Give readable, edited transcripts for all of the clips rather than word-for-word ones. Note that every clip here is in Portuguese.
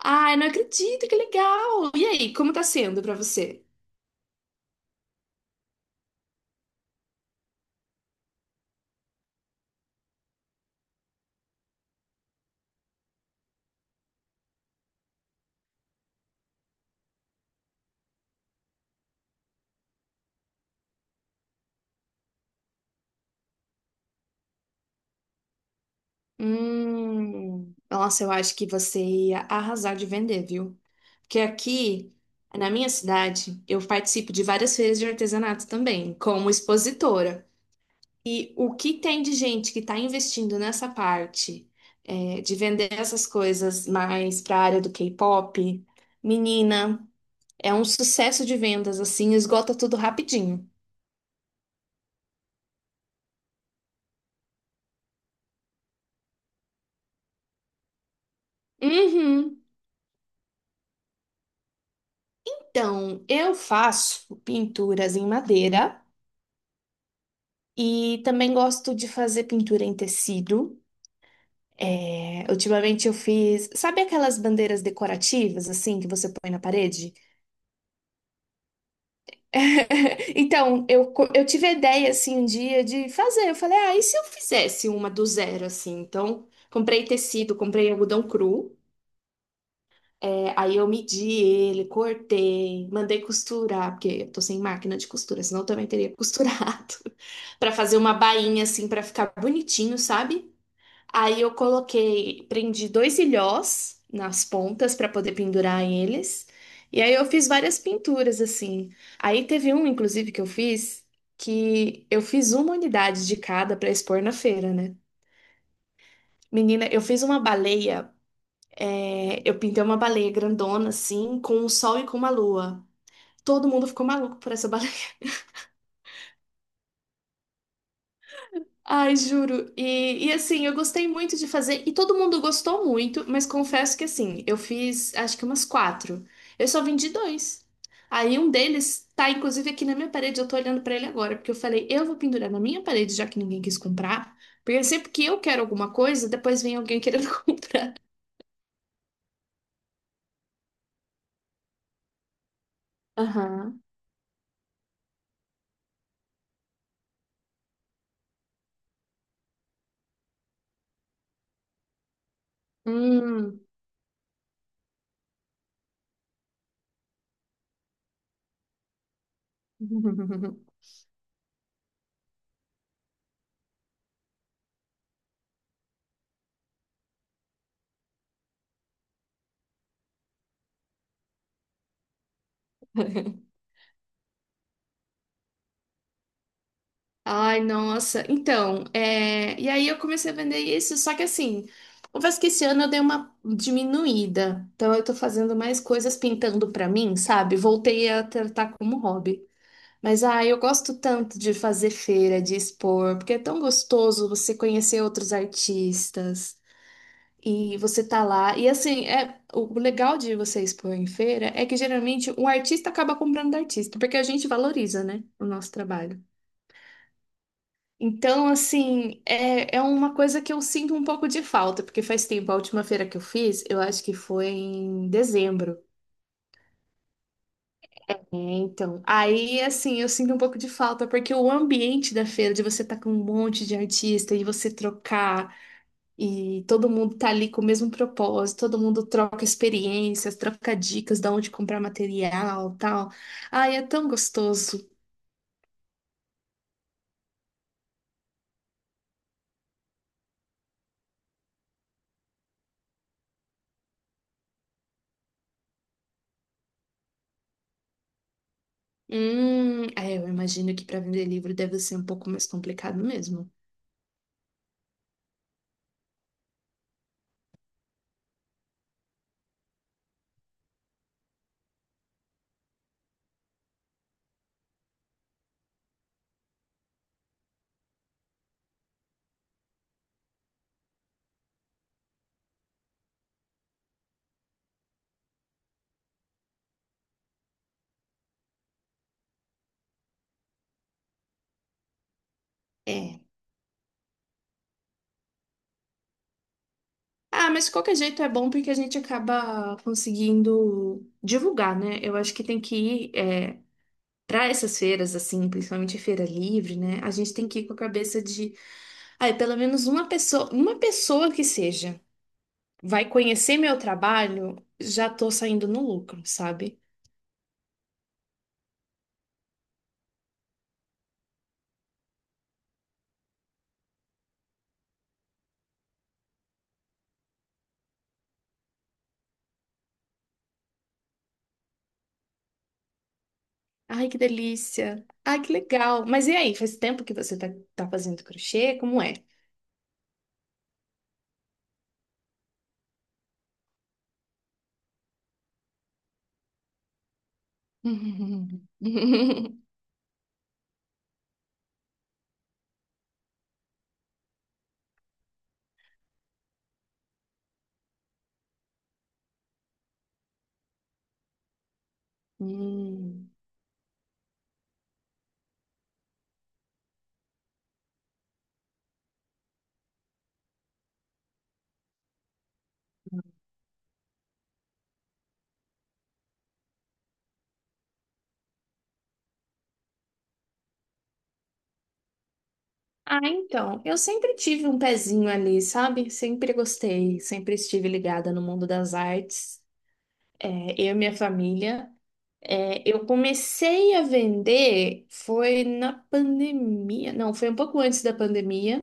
Ai, não acredito, que legal! E aí, como tá sendo pra você? Nossa, eu acho que você ia arrasar de vender, viu? Porque aqui, na minha cidade, eu participo de várias feiras de artesanato também, como expositora. E o que tem de gente que está investindo nessa parte, é, de vender essas coisas mais para a área do K-pop, menina, é um sucesso de vendas, assim, esgota tudo rapidinho. Uhum. Então, eu faço pinturas em madeira e também gosto de fazer pintura em tecido. É, ultimamente eu fiz, sabe aquelas bandeiras decorativas assim que você põe na parede? Então, eu tive a ideia assim um dia de fazer. Eu falei, ah, e se eu fizesse uma do zero assim? Então, comprei tecido, comprei algodão cru. É, aí eu medi ele, cortei, mandei costurar, porque eu tô sem máquina de costura, senão eu também teria costurado, pra fazer uma bainha assim pra ficar bonitinho, sabe? Aí eu coloquei, prendi dois ilhós nas pontas pra poder pendurar eles. E aí eu fiz várias pinturas assim. Aí teve um, inclusive, que eu fiz uma unidade de cada pra expor na feira, né? Menina, eu fiz uma baleia é, eu pintei uma baleia grandona, assim, com um sol e com uma lua. Todo mundo ficou maluco por essa baleia. Ai, juro. E assim, eu gostei muito de fazer, e todo mundo gostou muito, mas confesso que assim, eu fiz acho que umas quatro. Eu só vendi dois. Aí um deles tá, inclusive, aqui na minha parede, eu tô olhando pra ele agora, porque eu falei, eu vou pendurar na minha parede, já que ninguém quis comprar. Porque sempre que eu quero alguma coisa, depois vem alguém querendo comprar. Aham. Hum. Ai, nossa. Então, é, e aí eu comecei a vender isso, só que assim, confesso que esse ano eu dei uma diminuída. Então eu tô fazendo mais coisas pintando pra mim, sabe? Voltei a tratar como hobby. Mas ai, eu gosto tanto de fazer feira, de expor, porque é tão gostoso você conhecer outros artistas e você tá lá. E assim, é o legal de você expor em feira é que geralmente um artista acaba comprando do artista, porque a gente valoriza, né, o nosso trabalho. Então, assim, é, é uma coisa que eu sinto um pouco de falta, porque faz tempo, a última feira que eu fiz, eu acho que foi em dezembro, né? Então, aí, assim, eu sinto um pouco de falta, porque o ambiente da feira, de você estar com um monte de artista e você trocar, e todo mundo tá ali com o mesmo propósito, todo mundo troca experiências, troca dicas de onde comprar material, tal. Ai, é tão gostoso. É, eu imagino que para vender livro deve ser um pouco mais complicado mesmo. É. Ah, mas de qualquer jeito é bom porque a gente acaba conseguindo divulgar, né? Eu acho que tem que ir é, para essas feiras, assim, principalmente feira livre, né? A gente tem que ir com a cabeça de, ai, pelo menos uma pessoa que seja, vai conhecer meu trabalho, já tô saindo no lucro, sabe? Ai, que delícia! Ai, que legal! Mas e aí, faz tempo que você tá, tá fazendo crochê? Como é? Hum. Ah, então, eu sempre tive um pezinho ali, sabe? Sempre gostei, sempre estive ligada no mundo das artes, é, eu e minha família. É, eu comecei a vender, foi na pandemia, não, foi um pouco antes da pandemia.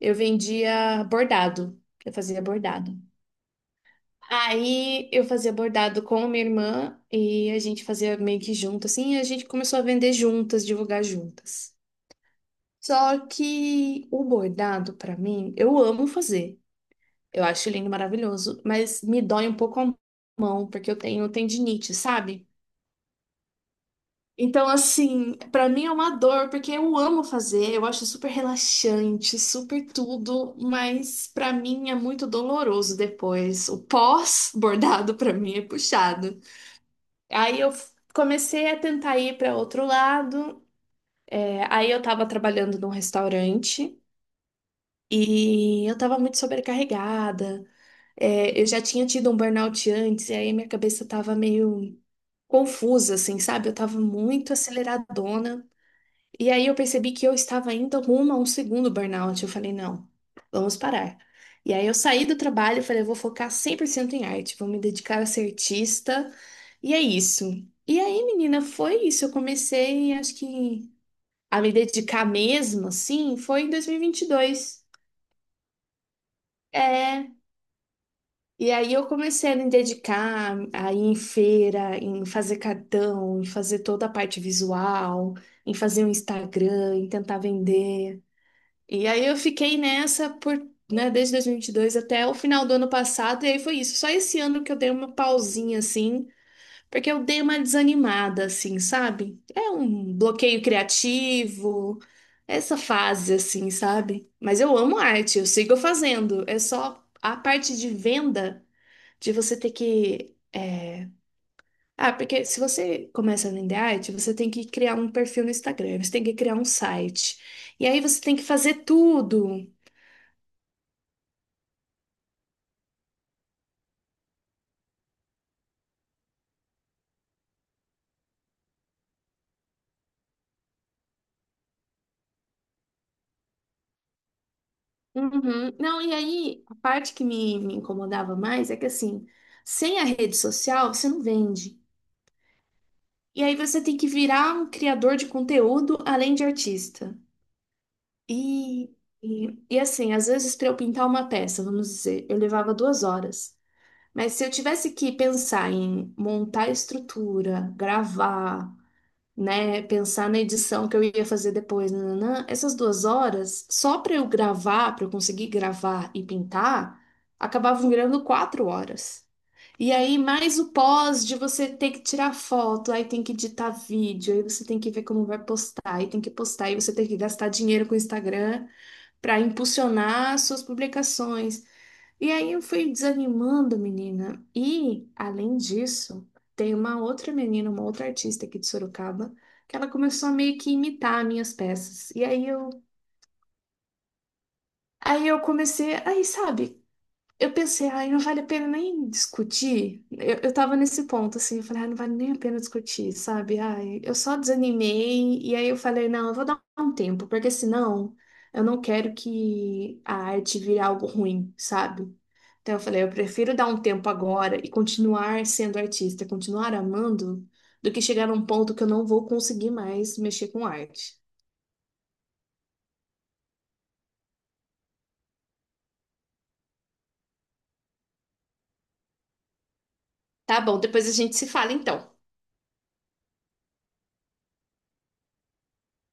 Eu vendia bordado, eu fazia bordado. Aí eu fazia bordado com a minha irmã e a gente fazia meio que junto, assim, e a gente começou a vender juntas, divulgar juntas. Só que o bordado, pra mim, eu amo fazer. Eu acho lindo, maravilhoso, mas me dói um pouco a mão, porque eu tenho tendinite, sabe? Então, assim, pra mim é uma dor, porque eu amo fazer, eu acho super relaxante, super tudo, mas pra mim é muito doloroso depois. O pós-bordado pra mim é puxado. Aí eu comecei a tentar ir pra outro lado, é, aí eu tava trabalhando num restaurante e eu tava muito sobrecarregada. É, eu já tinha tido um burnout antes, e aí minha cabeça tava meio confusa, assim, sabe? Eu tava muito aceleradona. E aí eu percebi que eu estava indo rumo a um segundo burnout. Eu falei, não, vamos parar. E aí eu saí do trabalho e falei, eu vou focar 100% em arte, vou me dedicar a ser artista. E é isso. E aí, menina, foi isso. Eu comecei, acho que, a me dedicar mesmo, assim, foi em 2022. É, e aí eu comecei a me dedicar a ir em feira, em fazer cartão, em fazer toda a parte visual, em fazer um Instagram, em tentar vender. E aí eu fiquei nessa por, né, desde dois mil e vinte e dois até o final do ano passado, e aí foi isso. Só esse ano que eu dei uma pausinha assim, porque eu dei uma desanimada assim, sabe? É um bloqueio criativo, essa fase assim, sabe? Mas eu amo arte, eu sigo fazendo. É só a parte de venda de você ter que. É, ah, porque se você começa no vender arte, você tem que criar um perfil no Instagram, você tem que criar um site. E aí você tem que fazer tudo. Uhum. Não, e aí, a parte que me incomodava mais é que, assim, sem a rede social, você não vende. E aí você tem que virar um criador de conteúdo além de artista. E, e assim, às vezes para eu pintar uma peça, vamos dizer, eu levava duas horas. Mas se eu tivesse que pensar em montar a estrutura, gravar, né, pensar na edição que eu ia fazer depois, nananã, essas duas horas, só para eu gravar, para eu conseguir gravar e pintar, acabavam virando quatro horas. E aí, mais o pós de você ter que tirar foto, aí tem que editar vídeo, aí você tem que ver como vai postar, aí tem que postar, aí você tem que gastar dinheiro com o Instagram para impulsionar suas publicações. E aí eu fui desanimando, menina. E, além disso, tem uma outra menina, uma outra artista aqui de Sorocaba, que ela começou a meio que imitar minhas peças. E aí eu comecei, aí sabe, eu pensei, ai, não vale a pena nem discutir. Eu tava nesse ponto, assim, eu falei, ai, não vale nem a pena discutir, sabe? Ai, eu só desanimei, e aí eu falei, não, eu vou dar um tempo, porque senão eu não quero que a arte vire algo ruim, sabe? Então eu falei, eu prefiro dar um tempo agora e continuar sendo artista, continuar amando, do que chegar num ponto que eu não vou conseguir mais mexer com arte. Tá bom, depois a gente se fala então.